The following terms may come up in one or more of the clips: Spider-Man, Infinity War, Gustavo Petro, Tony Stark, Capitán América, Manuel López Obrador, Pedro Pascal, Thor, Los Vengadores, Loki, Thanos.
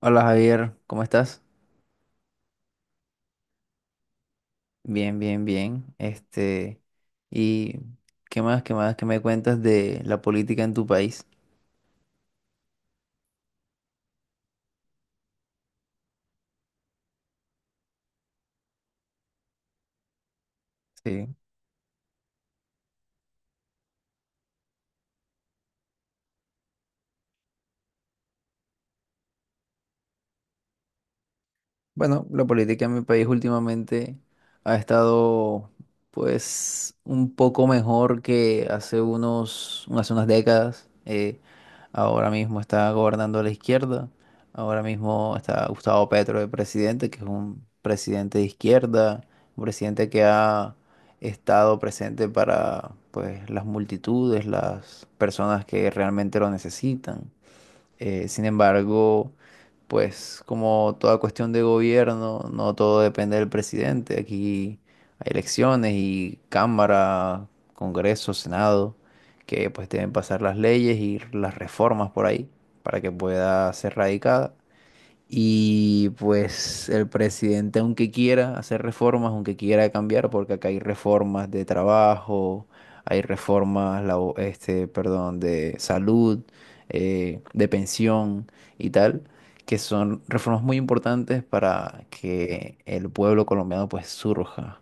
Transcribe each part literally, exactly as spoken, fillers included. Hola Javier, ¿cómo estás? Bien, bien, bien. Este, ¿y qué más, qué más, qué me cuentas de la política en tu país? Sí. Bueno, la política en mi país últimamente ha estado pues un poco mejor que hace unos, hace unas décadas. Eh, ahora mismo está gobernando la izquierda. Ahora mismo está Gustavo Petro de presidente, que es un presidente de izquierda, un presidente que ha estado presente para pues las multitudes, las personas que realmente lo necesitan. Eh, sin embargo, pues como toda cuestión de gobierno, no todo depende del presidente. Aquí hay elecciones y Cámara, Congreso, Senado, que pues deben pasar las leyes y las reformas por ahí para que pueda ser radicada. Y pues el presidente, aunque quiera hacer reformas, aunque quiera cambiar, porque acá hay reformas de trabajo, hay reformas, labo- este, perdón, de salud, eh, de pensión y tal, que son reformas muy importantes para que el pueblo colombiano pues surja.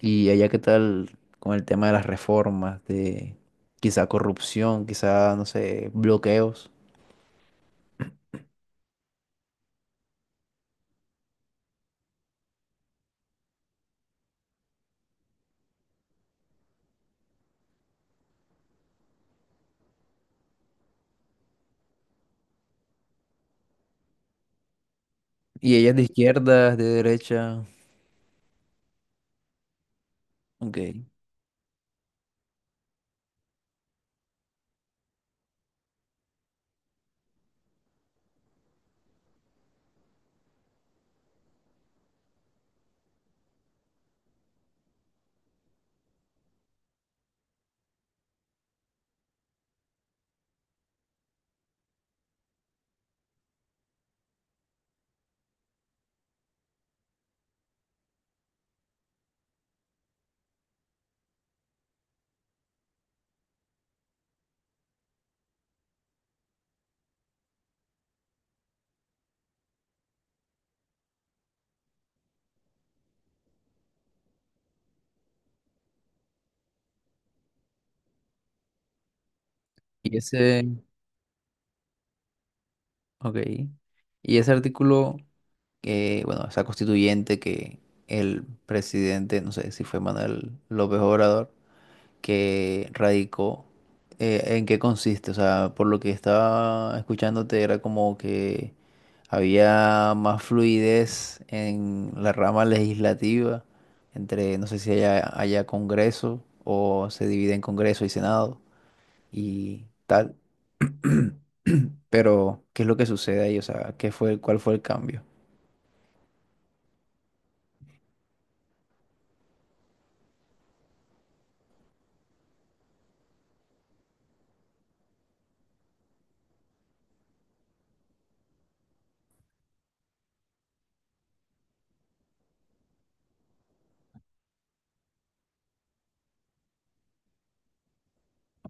Y allá qué tal con el tema de las reformas, de quizá corrupción, quizá, no sé, bloqueos. ¿Y ellas de izquierda, es de derecha? Ok. Y ese, ok. Y ese artículo, eh, bueno, esa constituyente que el presidente, no sé si fue Manuel López Obrador, que radicó, eh, ¿en qué consiste? O sea, por lo que estaba escuchándote era como que había más fluidez en la rama legislativa, entre, no sé si haya, haya Congreso o se divide en Congreso y Senado y tal. Pero, ¿qué es lo que sucede ahí? O sea, ¿qué fue, cuál fue el cambio?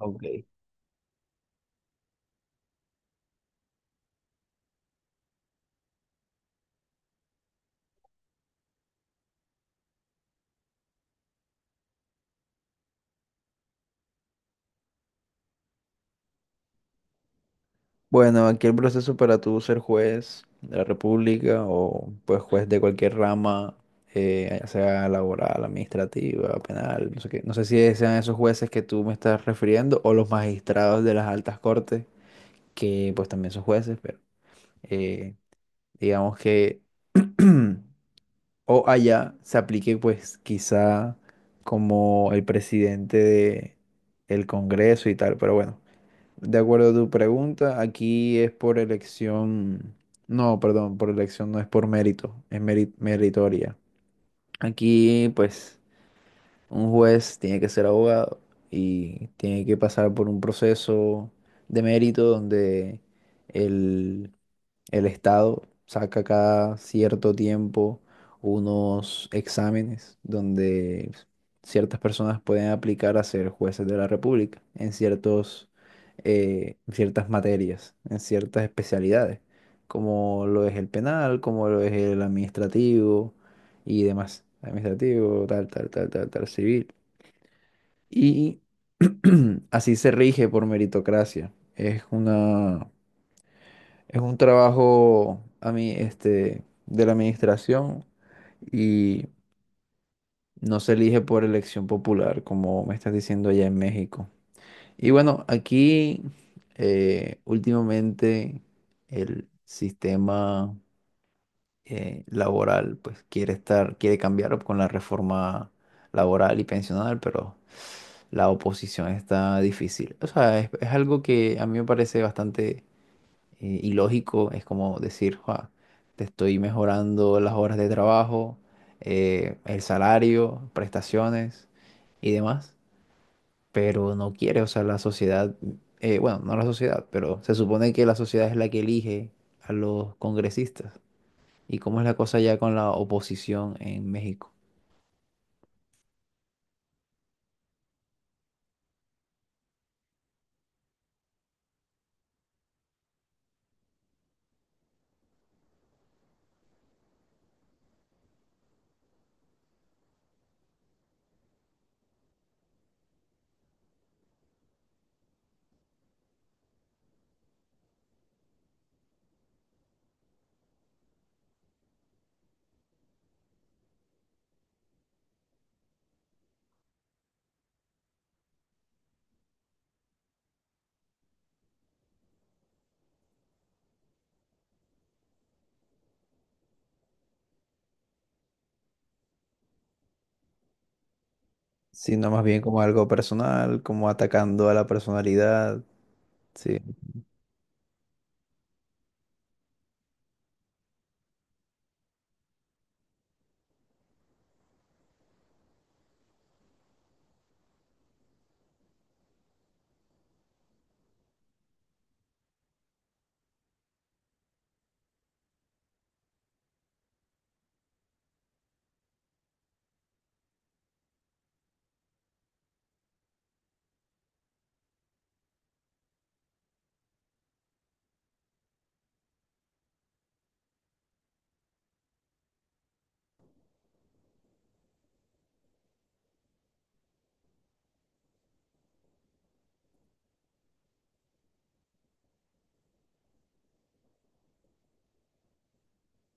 Ok. Bueno, aquí el proceso para tú ser juez de la República o pues juez de cualquier rama, eh, ya sea laboral, administrativa, penal, no sé qué. No sé si sean esos jueces que tú me estás refiriendo o los magistrados de las altas cortes, que pues también son jueces, pero eh, digamos que. O allá se aplique, pues, quizá como el presidente de el Congreso y tal. Pero bueno, de acuerdo a tu pregunta, aquí es por elección. No, perdón, por elección no es por mérito, es meri- meritoria. Aquí, pues. Un juez tiene que ser abogado y tiene que pasar por un proceso de mérito donde el, el Estado saca cada cierto tiempo unos exámenes donde ciertas personas pueden aplicar a ser jueces de la República en ciertos, eh, en ciertas materias, en ciertas especialidades, como lo es el penal, como lo es el administrativo y demás. Administrativo, tal, tal, tal, tal, tal, civil. Y así se rige por meritocracia. Es una, es un trabajo a mí, este, de la administración y no se elige por elección popular, como me estás diciendo allá en México. Y bueno, aquí eh, últimamente el sistema eh, laboral pues quiere estar, quiere cambiar con la reforma laboral y pensional, pero la oposición está difícil. O sea, es, es algo que a mí me parece bastante eh, ilógico. Es como decir, "Jua, te estoy mejorando las horas de trabajo, eh, el salario, prestaciones y demás, pero no quiere, o sea, la sociedad, eh, bueno, no la sociedad, pero se supone que la sociedad es la que elige a los congresistas". ¿Y cómo es la cosa ya con la oposición en México? Sino más bien como algo personal, como atacando a la personalidad. Sí.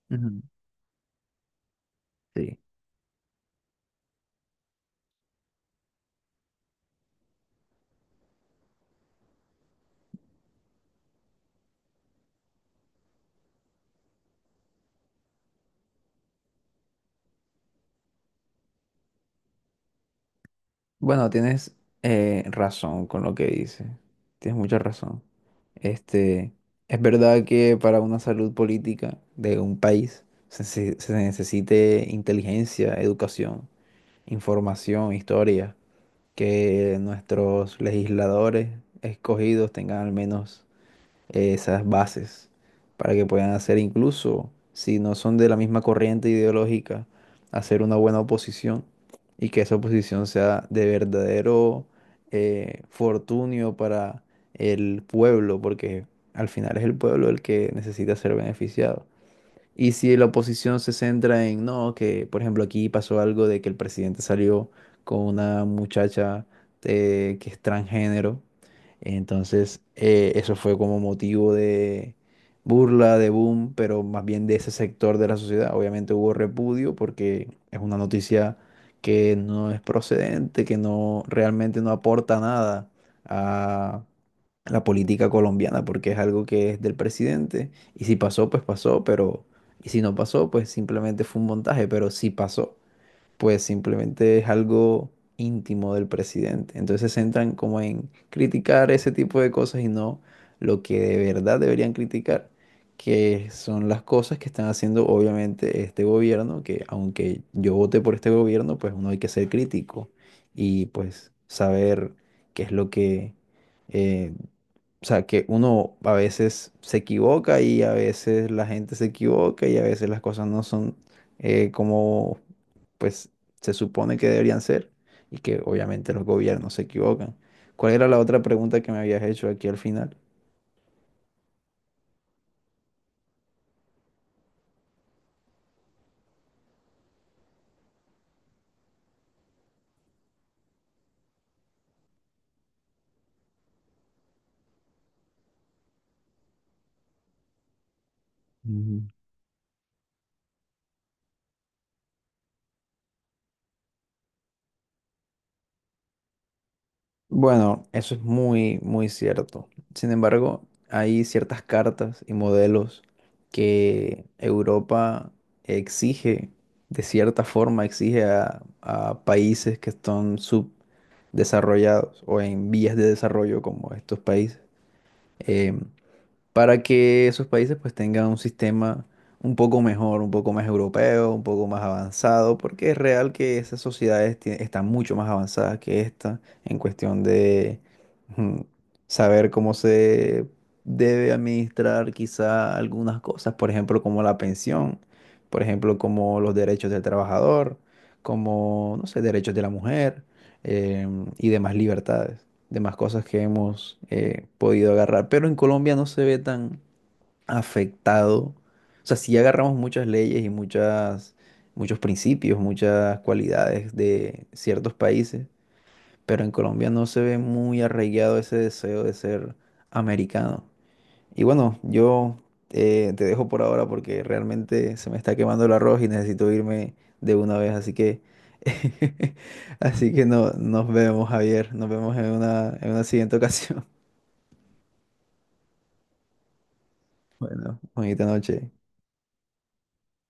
Ujú. Sí. Bueno, tienes eh, razón con lo que dices. Tienes mucha razón. Este, es verdad que para una salud política de un país se, se- se necesite inteligencia, educación, información, historia, que nuestros legisladores escogidos tengan al menos esas bases para que puedan hacer incluso, si no son de la misma corriente ideológica, hacer una buena oposición y que esa oposición sea de verdadero eh, fortunio para el pueblo, porque al final es el pueblo el que necesita ser beneficiado. Y si la oposición se centra en, no, que por ejemplo aquí pasó algo de que el presidente salió con una muchacha eh, que es transgénero, entonces eh, eso fue como motivo de burla, de boom, pero más bien de ese sector de la sociedad. Obviamente hubo repudio porque es una noticia que no es procedente, que no realmente no aporta nada a la política colombiana, porque es algo que es del presidente, y si pasó, pues pasó, pero, y si no pasó, pues simplemente fue un montaje, pero si pasó, pues simplemente es algo íntimo del presidente. Entonces se centran como en criticar ese tipo de cosas y no lo que de verdad deberían criticar, que son las cosas que están haciendo obviamente este gobierno, que aunque yo voté por este gobierno, pues uno hay que ser crítico y pues saber qué es lo que. eh, o sea, que uno a veces se equivoca y a veces la gente se equivoca y a veces las cosas no son eh, como pues se supone que deberían ser y que obviamente los gobiernos se equivocan. ¿Cuál era la otra pregunta que me habías hecho aquí al final? Bueno, eso es muy, muy cierto. Sin embargo, hay ciertas cartas y modelos que Europa exige, de cierta forma, exige a, a países que están subdesarrollados o en vías de desarrollo como estos países. Em, para que esos países pues tengan un sistema un poco mejor, un poco más europeo, un poco más avanzado, porque es real que esas sociedades tie- están mucho más avanzadas que esta en cuestión de mm, saber cómo se debe administrar quizá algunas cosas, por ejemplo, como la pensión, por ejemplo, como los derechos del trabajador, como, no sé, derechos de la mujer, em, y demás libertades demás cosas que hemos eh, podido agarrar. Pero en Colombia no se ve tan afectado. O sea, sí agarramos muchas leyes y muchas, muchos principios, muchas cualidades de ciertos países, pero en Colombia no se ve muy arraigado ese deseo de ser americano. Y bueno, yo eh, te dejo por ahora porque realmente se me está quemando el arroz y necesito irme de una vez, así que así que no, nos vemos, Javier, nos vemos en una, en una siguiente ocasión. Bueno, bonita noche.